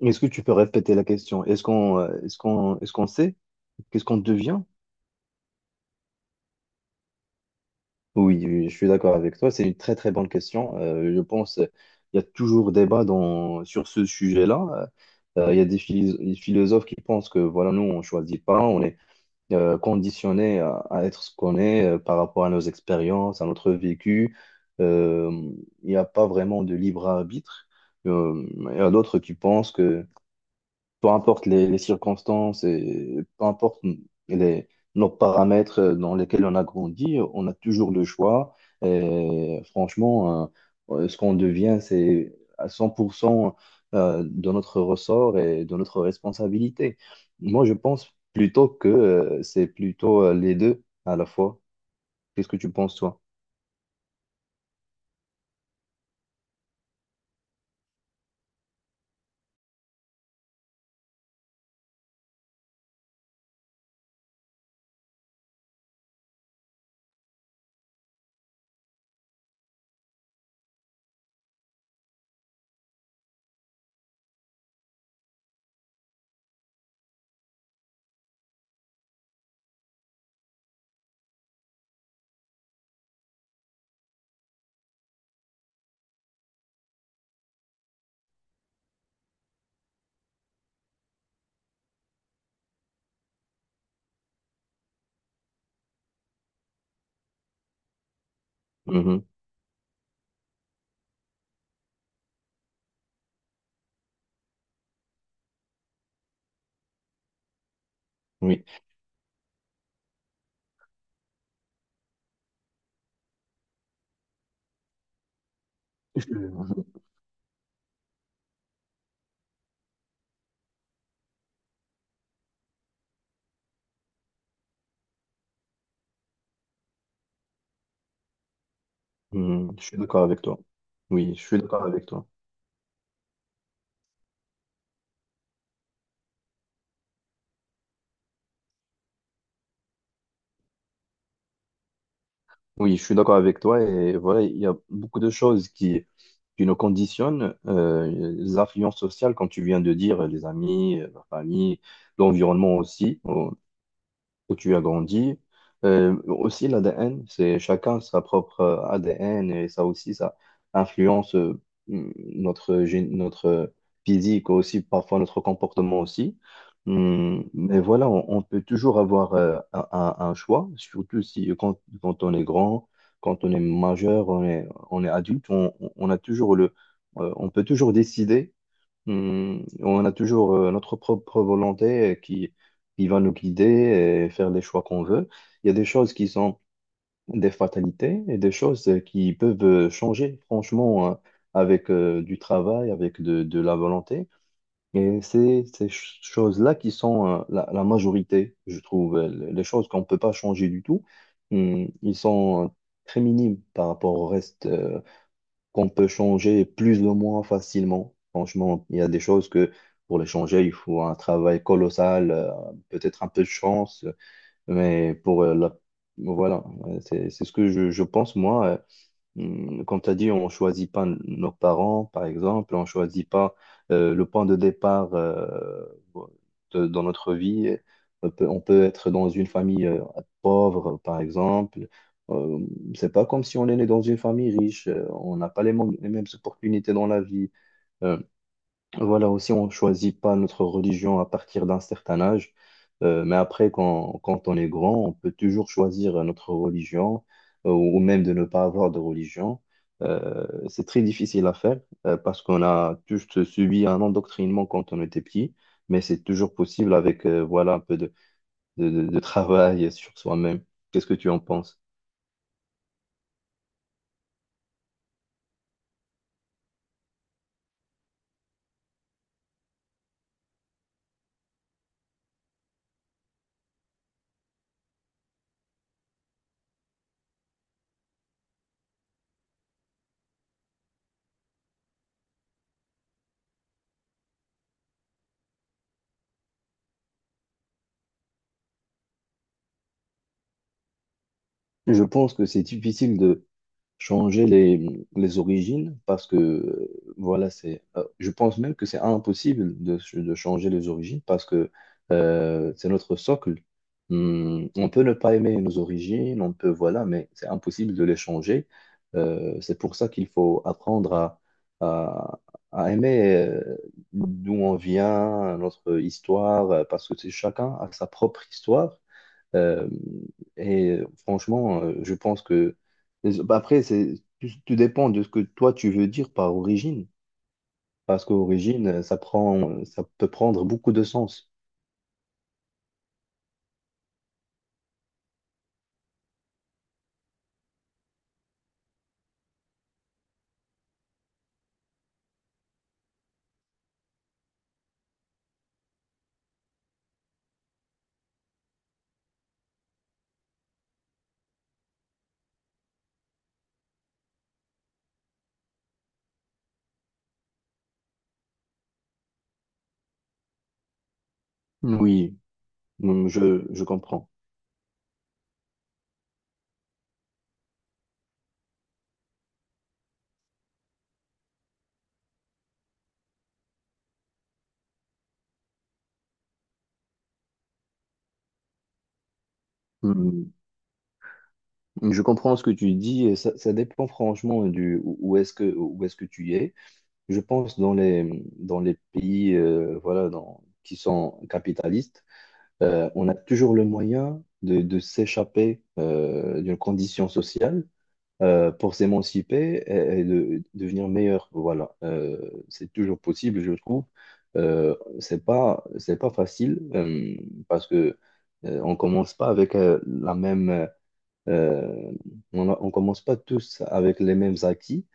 Est-ce que tu peux répéter la question? Est-ce qu'on sait qu'est-ce qu'on devient? Oui, oui, je suis d'accord avec toi. C'est une très très bonne question. Je pense il y a toujours débat dans sur ce sujet-là. Il y a des philosophes qui pensent que voilà, nous on choisit pas, on est conditionné à être ce qu'on est par rapport à nos expériences, à notre vécu. Euh, il n'y a pas vraiment de libre arbitre. Euh, il y a d'autres qui pensent que peu importe les circonstances et peu importe les, nos paramètres dans lesquels on a grandi, on a toujours le choix. Et franchement, ce qu'on devient, c'est à 100% de notre ressort et de notre responsabilité. Moi, je pense plutôt que c'est plutôt les deux à la fois. Qu'est-ce que tu penses, toi? Mhm. Oui, je, mhm. Je suis d'accord avec toi. Oui, je suis d'accord avec toi. Oui, je suis d'accord avec toi et voilà, il y a beaucoup de choses qui nous conditionnent, les influences sociales, comme tu viens de dire, les amis, la famille, l'environnement aussi où tu as grandi. Aussi, l'ADN, c'est chacun sa propre ADN et ça aussi, ça influence mm, notre, notre physique aussi, parfois notre comportement aussi. Mm, mais voilà, on peut toujours avoir un, un choix, surtout si quand, quand on est grand, quand on est majeur, on est adulte, on a toujours le, on peut toujours décider. Hmm, on a toujours notre propre volonté qui va nous guider et faire les choix qu'on veut. Il y a des choses qui sont des fatalités et des choses qui peuvent changer, franchement, avec du travail, avec de la volonté. Et c'est ces choses-là qui sont la majorité, je trouve. Les choses qu'on ne peut pas changer du tout, hmm, ils sont très minimes par rapport au reste, qu'on peut changer plus ou moins facilement. Franchement, il y a des choses que pour les changer, il faut un travail colossal, peut-être un peu de chance, mais pour la... Voilà, ouais, c'est ce que je pense, moi. Comme tu as dit, on choisit pas nos parents, par exemple, on choisit pas le point de départ dans notre vie. On peut être dans une famille pauvre, par exemple. Euh, c'est pas comme si on est né dans une famille riche. On n'a pas les mêmes opportunités dans la vie. Euh, voilà, aussi, on ne choisit pas notre religion à partir d'un certain âge. Mais après, quand, quand on est grand, on peut toujours choisir notre religion, ou même de ne pas avoir de religion. C'est très difficile à faire, parce qu'on a tous subi un endoctrinement quand on était petit, mais c'est toujours possible avec, voilà, un peu de travail sur soi-même. Qu'est-ce que tu en penses? Je pense que c'est difficile de changer les origines parce que voilà, c'est, je pense même que c'est impossible de changer les origines parce que c'est notre socle. Hmm, on peut ne pas aimer nos origines, on peut, voilà, mais c'est impossible de les changer. C'est pour ça qu'il faut apprendre à, à aimer d'où on vient, notre histoire, parce que c'est- chacun a sa propre histoire. Euh, et franchement, je pense que... Bah, après, c'est... Tout, tout dépend de ce que toi, tu veux dire par origine. Parce qu'origine, ça peut prendre beaucoup de sens. Mm. Oui, mm, je comprends. Mm, je comprends ce que tu dis. Et ça dépend franchement du où est-ce que tu es. Je pense dans dans les pays voilà, dans, qui sont capitalistes, on a toujours le moyen de s'échapper d'une condition sociale pour s'émanciper et de, devenir meilleur. Voilà. C'est toujours possible, je trouve. Euh, c'est pas, c'est pas facile parce que on commence pas avec la même. Euh, on ne commence pas tous avec les mêmes acquis.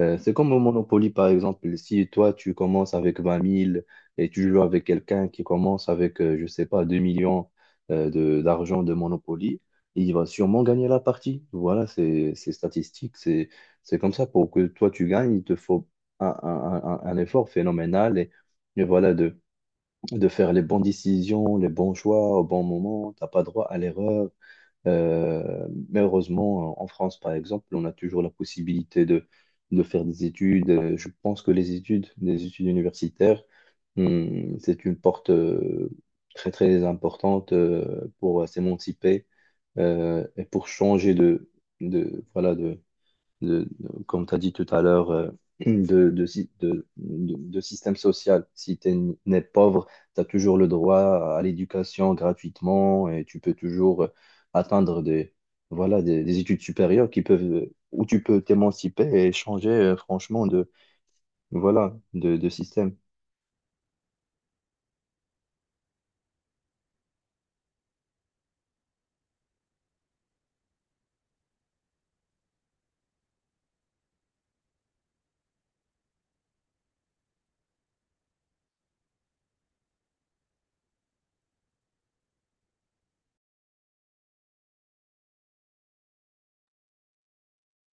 C'est comme au Monopoly, par exemple. Si toi, tu commences avec 20 000 et tu joues avec quelqu'un qui commence avec, je sais pas, 2 millions d'argent de Monopoly, il va sûrement gagner la partie. Voilà, c'est statistique. C'est comme ça. Pour que toi, tu gagnes, il te faut un, un effort phénoménal et voilà, de faire les bonnes décisions, les bons choix au bon moment. T'as pas droit à l'erreur. Mais heureusement, en France, par exemple, on a toujours la possibilité de faire des études. Je pense que les études universitaires, c'est une porte très, très importante pour s'émanciper et pour changer voilà, comme tu as dit tout à l'heure, de, sy- de système social. Si tu n'es pauvre, tu as toujours le droit à l'éducation gratuitement et tu peux toujours atteindre des, voilà, des études supérieures qui peuvent, où tu peux t'émanciper et changer franchement de, voilà, de système.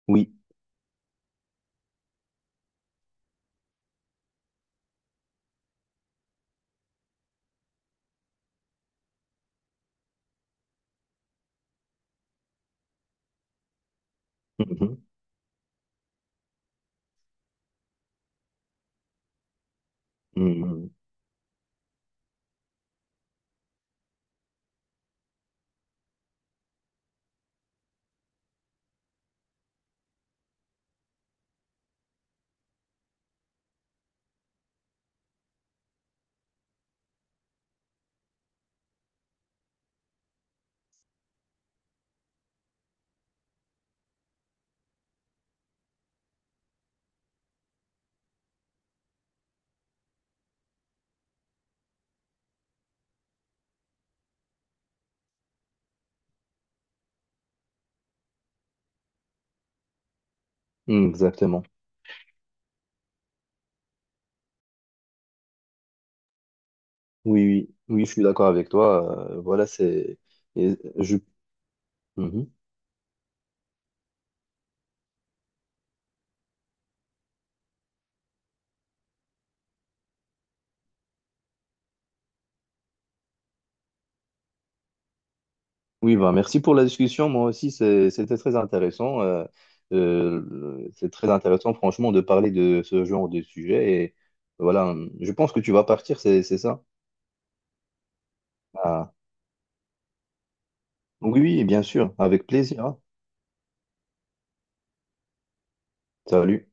Oui. Mhm. Mhm. Mhm. Exactement. Oui, oui, oui, je suis d'accord avec toi. Voilà, c'est. Et je... Mhm. Oui, bah, merci pour la discussion. Moi aussi, c'était très intéressant. C'est très intéressant, franchement, de parler de ce genre de sujet. Et voilà, je pense que tu vas partir, c'est ça? Ah, oui, oui, bien sûr, avec plaisir. Hein. Salut.